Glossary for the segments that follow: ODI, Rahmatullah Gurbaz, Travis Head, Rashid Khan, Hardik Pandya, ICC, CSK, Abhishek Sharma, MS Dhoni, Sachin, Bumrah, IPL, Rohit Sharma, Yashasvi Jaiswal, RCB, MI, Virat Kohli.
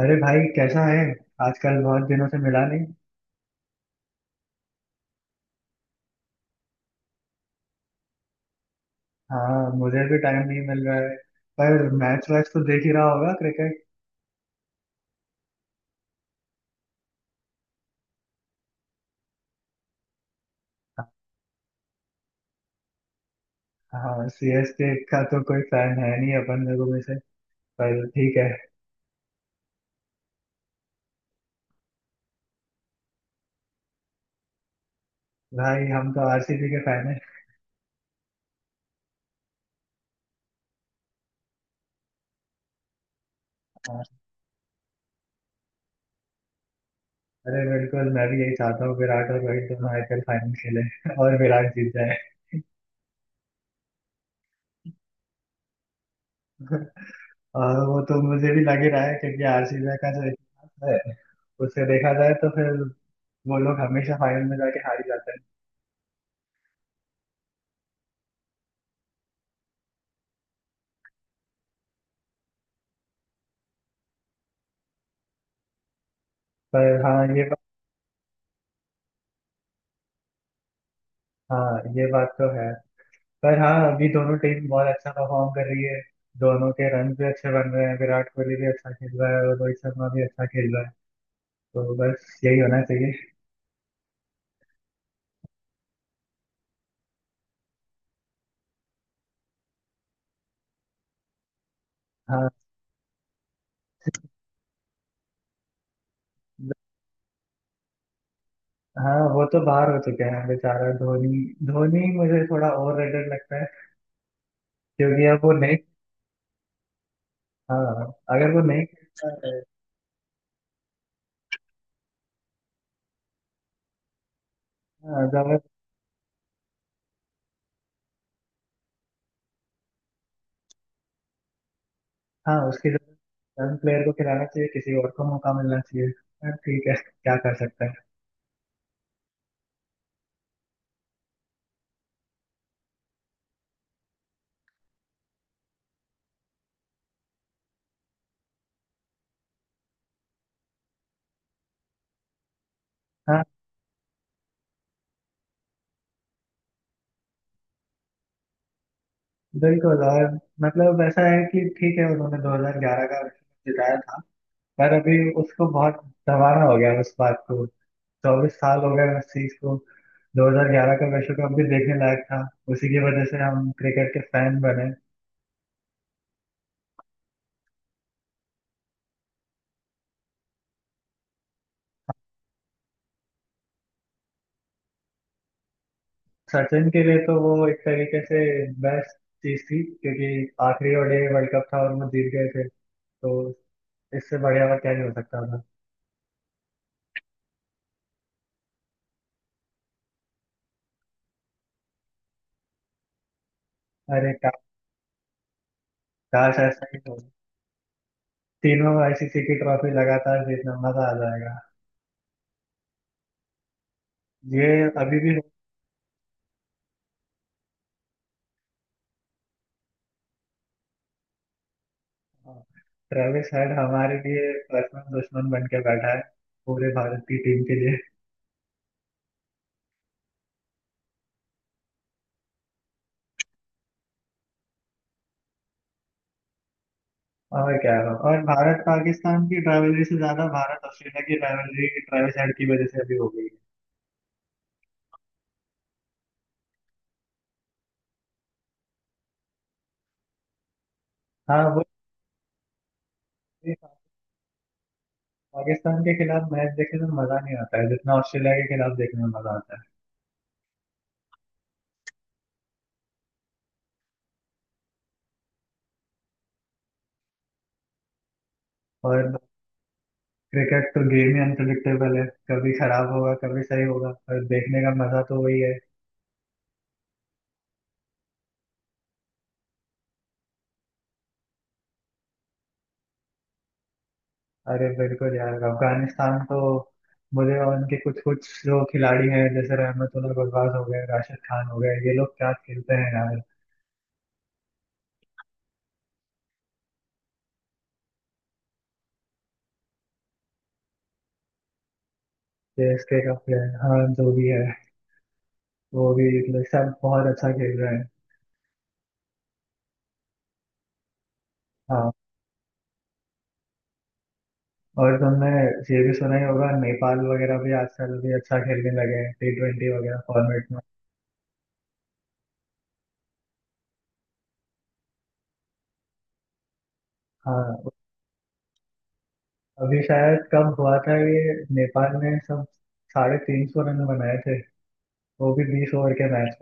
अरे भाई कैसा है। आजकल बहुत दिनों से मिला नहीं। हाँ मुझे भी टाइम नहीं मिल रहा है। पर मैच वैच तो देख ही रहा होगा क्रिकेट। हाँ सीएसके का तो कोई फैन है नहीं अपन लोगों में से। पर ठीक है। भाई हम तो आरसीबी के फैन हैं। हाँ, अरे बिल्कुल मैं भी यही चाहता हूँ विराट और रोहित दोनों आईपीएल फाइनल खेले। और विराट जीत जाए। और वो तो मुझे भी लग ही रहा है क्योंकि आरसीबी का जो इतिहास है उसे देखा जाए तो फिर वो लोग हमेशा फाइनल में जाके हार ही जाते हैं। पर हाँ ये। हाँ ये बात तो है। पर हाँ अभी दोनों टीम बहुत अच्छा परफॉर्म कर रही है। दोनों के रन भी अच्छे बन रहे हैं, विराट कोहली भी अच्छा खेल रहा है और रोहित शर्मा भी अच्छा खेल रहा है। तो बस यही होना चाहिए। हाँ। हाँ वो तो बाहर हो चुके हैं बेचारा धोनी। धोनी मुझे थोड़ा ओवर रेटेड लगता है क्योंकि अब वो नहीं। हाँ अगर वो नहीं खेलता है। हाँ जब। हाँ उसकी जगह यंग प्लेयर को खिलाना चाहिए, किसी और को मौका मिलना चाहिए। हाँ, ठीक है क्या कर सकते हैं। हाँ, बिल्कुल। और मतलब ऐसा है कि ठीक है उन्होंने 2011 का विश्व कप जिताया था। पर अभी उसको बहुत दबाना हो गया है उस बात को। 24 साल हो गए उस चीज को। 2011 का विश्व कप भी देखने लायक था। उसी की वजह से हम क्रिकेट के फैन बने। सचिन के लिए तो वो एक तरीके से बेस्ट चीज थी क्योंकि आखिरी ओडीआई वर्ल्ड कप था और वो जीत गए थे। तो इससे बढ़िया और क्या ही हो सकता था। अरे काश ऐसा ही हो। तीनों आईसीसी की ट्रॉफी लगातार जीतना, मजा आ जाएगा। ये अभी भी। ट्रेविस हेड हमारे लिए पर्सनल दुश्मन बन के बैठा है, पूरे भारत की टीम के लिए। और क्या हो। और भारत पाकिस्तान की rivalry से ज्यादा भारत ऑस्ट्रेलिया की rivalry ट्रेविस हेड की वजह से अभी हो गई है। हाँ वो। ये पाकिस्तान के खिलाफ मैच देखने में मजा नहीं आता है जितना ऑस्ट्रेलिया के खिलाफ देखने में मजा आता है। और क्रिकेट तो गेम ही अनप्रिडिक्टेबल है। कभी खराब होगा कभी सही होगा। और देखने का मजा तो वही है। अरे बिल्कुल यार अफगानिस्तान तो। मुझे और उनके कुछ कुछ जो खिलाड़ी हैं जैसे रहमतुल्लाह गुरबाज हो गए राशिद खान हो गए, ये लोग क्या खेलते हैं यार। सीएसके का प्लेयर हाँ जो भी है वो भी मतलब सब बहुत अच्छा खेल रहे हैं। हाँ। और तुमने ये भी सुना ही होगा नेपाल वगैरह भी आजकल भी अच्छा खेलने लगे हैं T20 वगैरह फॉर्मेट में। हाँ। अभी शायद कब हुआ था ये। नेपाल ने सब 350 रन बनाए थे, वो भी 20 ओवर के मैच।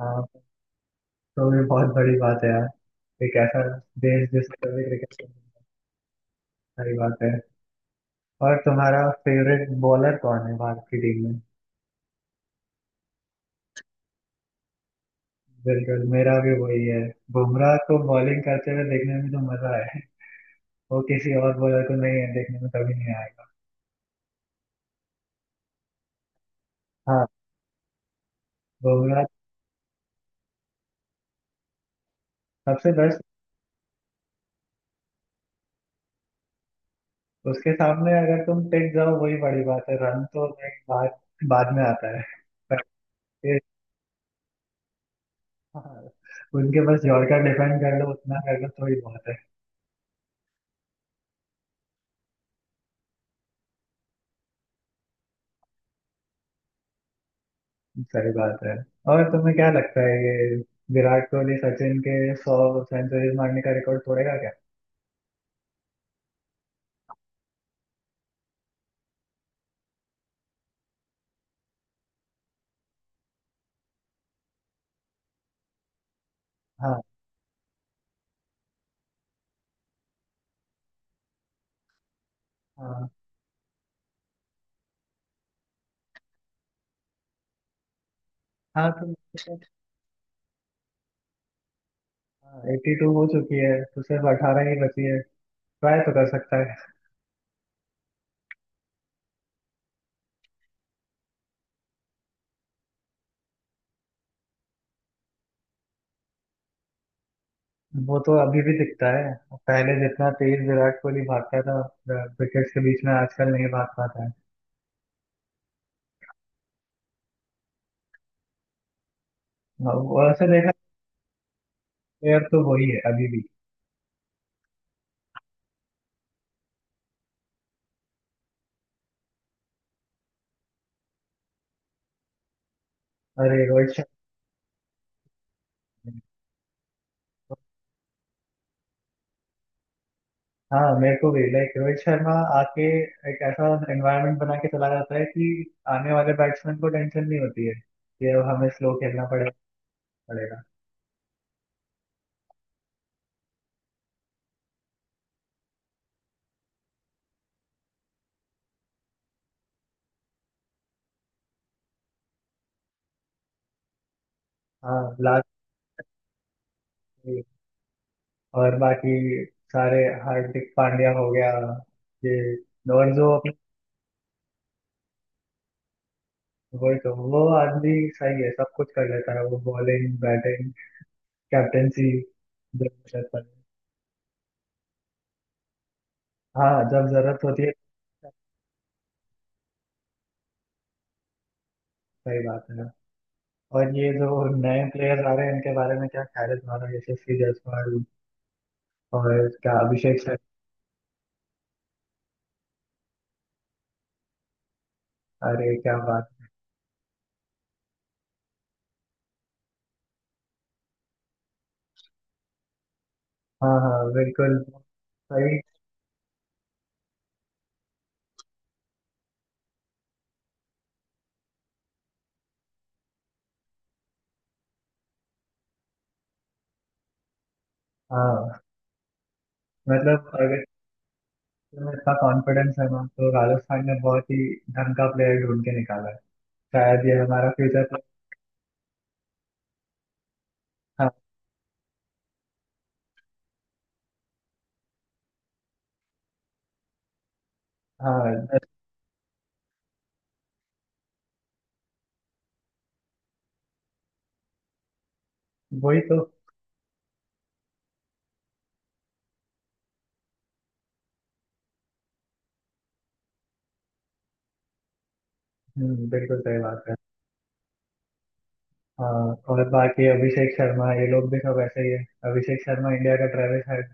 हाँ तो ये बहुत बड़ी बात है यार, एक ऐसा देश जिसका भी क्रिकेट। बड़ी बात है। और तुम्हारा फेवरेट बॉलर कौन है भारत की टीम में। बिल्कुल मेरा भी वही है। बुमराह को बॉलिंग करते हुए देखने में तो मजा है वो किसी और बॉलर को नहीं है, देखने में कभी नहीं आएगा। हाँ। बुमराह सबसे बेस्ट। उसके सामने अगर तुम टिक जाओ वही बड़ी बात है, रन तो नहीं, बाद बाद में आता है। पर ये- हाँ, उनके पास यॉर्कर डिफेंड कर लो उतना कर लो तो ही बहुत है। सही बात है। और तुम्हें क्या लगता है ये विराट कोहली सचिन के 100 सेंचुरीज मारने का रिकॉर्ड तोड़ेगा क्या। हाँ। हाँ। हाँ तो 82 हो चुकी है तो सिर्फ 18 ही बची है। ट्राई तो कर सकता है। वो तो अभी भी दिखता है। पहले जितना तेज विराट कोहली भागता था विकेट्स के बीच में आजकल नहीं भाग पाता है। वैसे देखा। प्लेयर तो वही है अभी भी। अरे रोहित शर्मा। हाँ मेरे को भी लाइक रोहित शर्मा आके एक ऐसा एनवायरनमेंट बना के चला जाता है कि आने वाले बैट्समैन को टेंशन नहीं होती है कि अब हमें स्लो खेलना पड़ेगा। हाँ लास्ट। और बाकी सारे हार्दिक पांड्या हो गया, ये और जो अपने वही तो वो आदमी सही है सब कुछ कर लेता है वो बॉलिंग बैटिंग कैप्टेंसी जब जरूरत पड़े। हाँ जब जरूरत होती है। सही बात है। और ये जो नए प्लेयर्स आ रहे हैं इनके बारे में क्या ख्याल है तुम्हारा, यशस्वी जायसवाल और इसका अभिषेक सर। अरे क्या बात। हाँ हाँ बिल्कुल। सही। हाँ मतलब अगर तुम्हें इतना कॉन्फिडेंस है ना तो राजस्थान ने बहुत ही ढंग का प्लेयर ढूंढ के निकाला है, शायद ये हमारा फ्यूचर। हाँ। हाँ वही तो। बिल्कुल सही बात है। हाँ। और बाकी अभिषेक शर्मा ये लोग भी सब ऐसे ही है। अभिषेक शर्मा इंडिया का ट्रेविस हेड।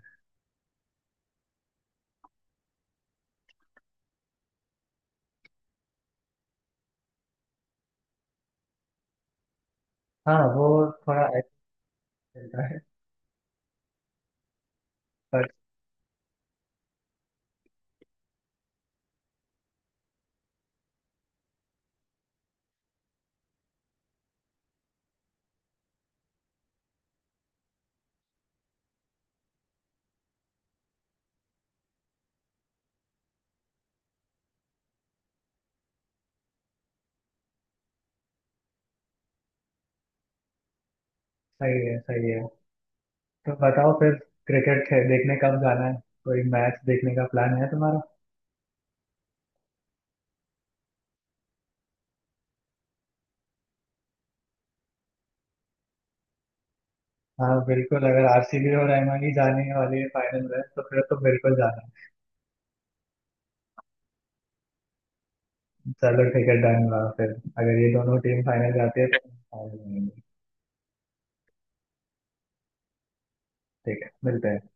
हाँ वो थोड़ा ऐसे खेलता है पर। सही है सही है। तो बताओ फिर, क्रिकेट देखने कब जाना है, कोई मैच देखने का प्लान है तुम्हारा। हाँ बिल्कुल अगर आरसीबी और एमआई ही जाने वाली है फाइनल में तो फिर तो बिल्कुल जाना है। चलो ठीक है डन हुआ फिर, अगर ये दोनों टीम फाइनल जाती है तो फाइनल। ठीक है मिलते हैं।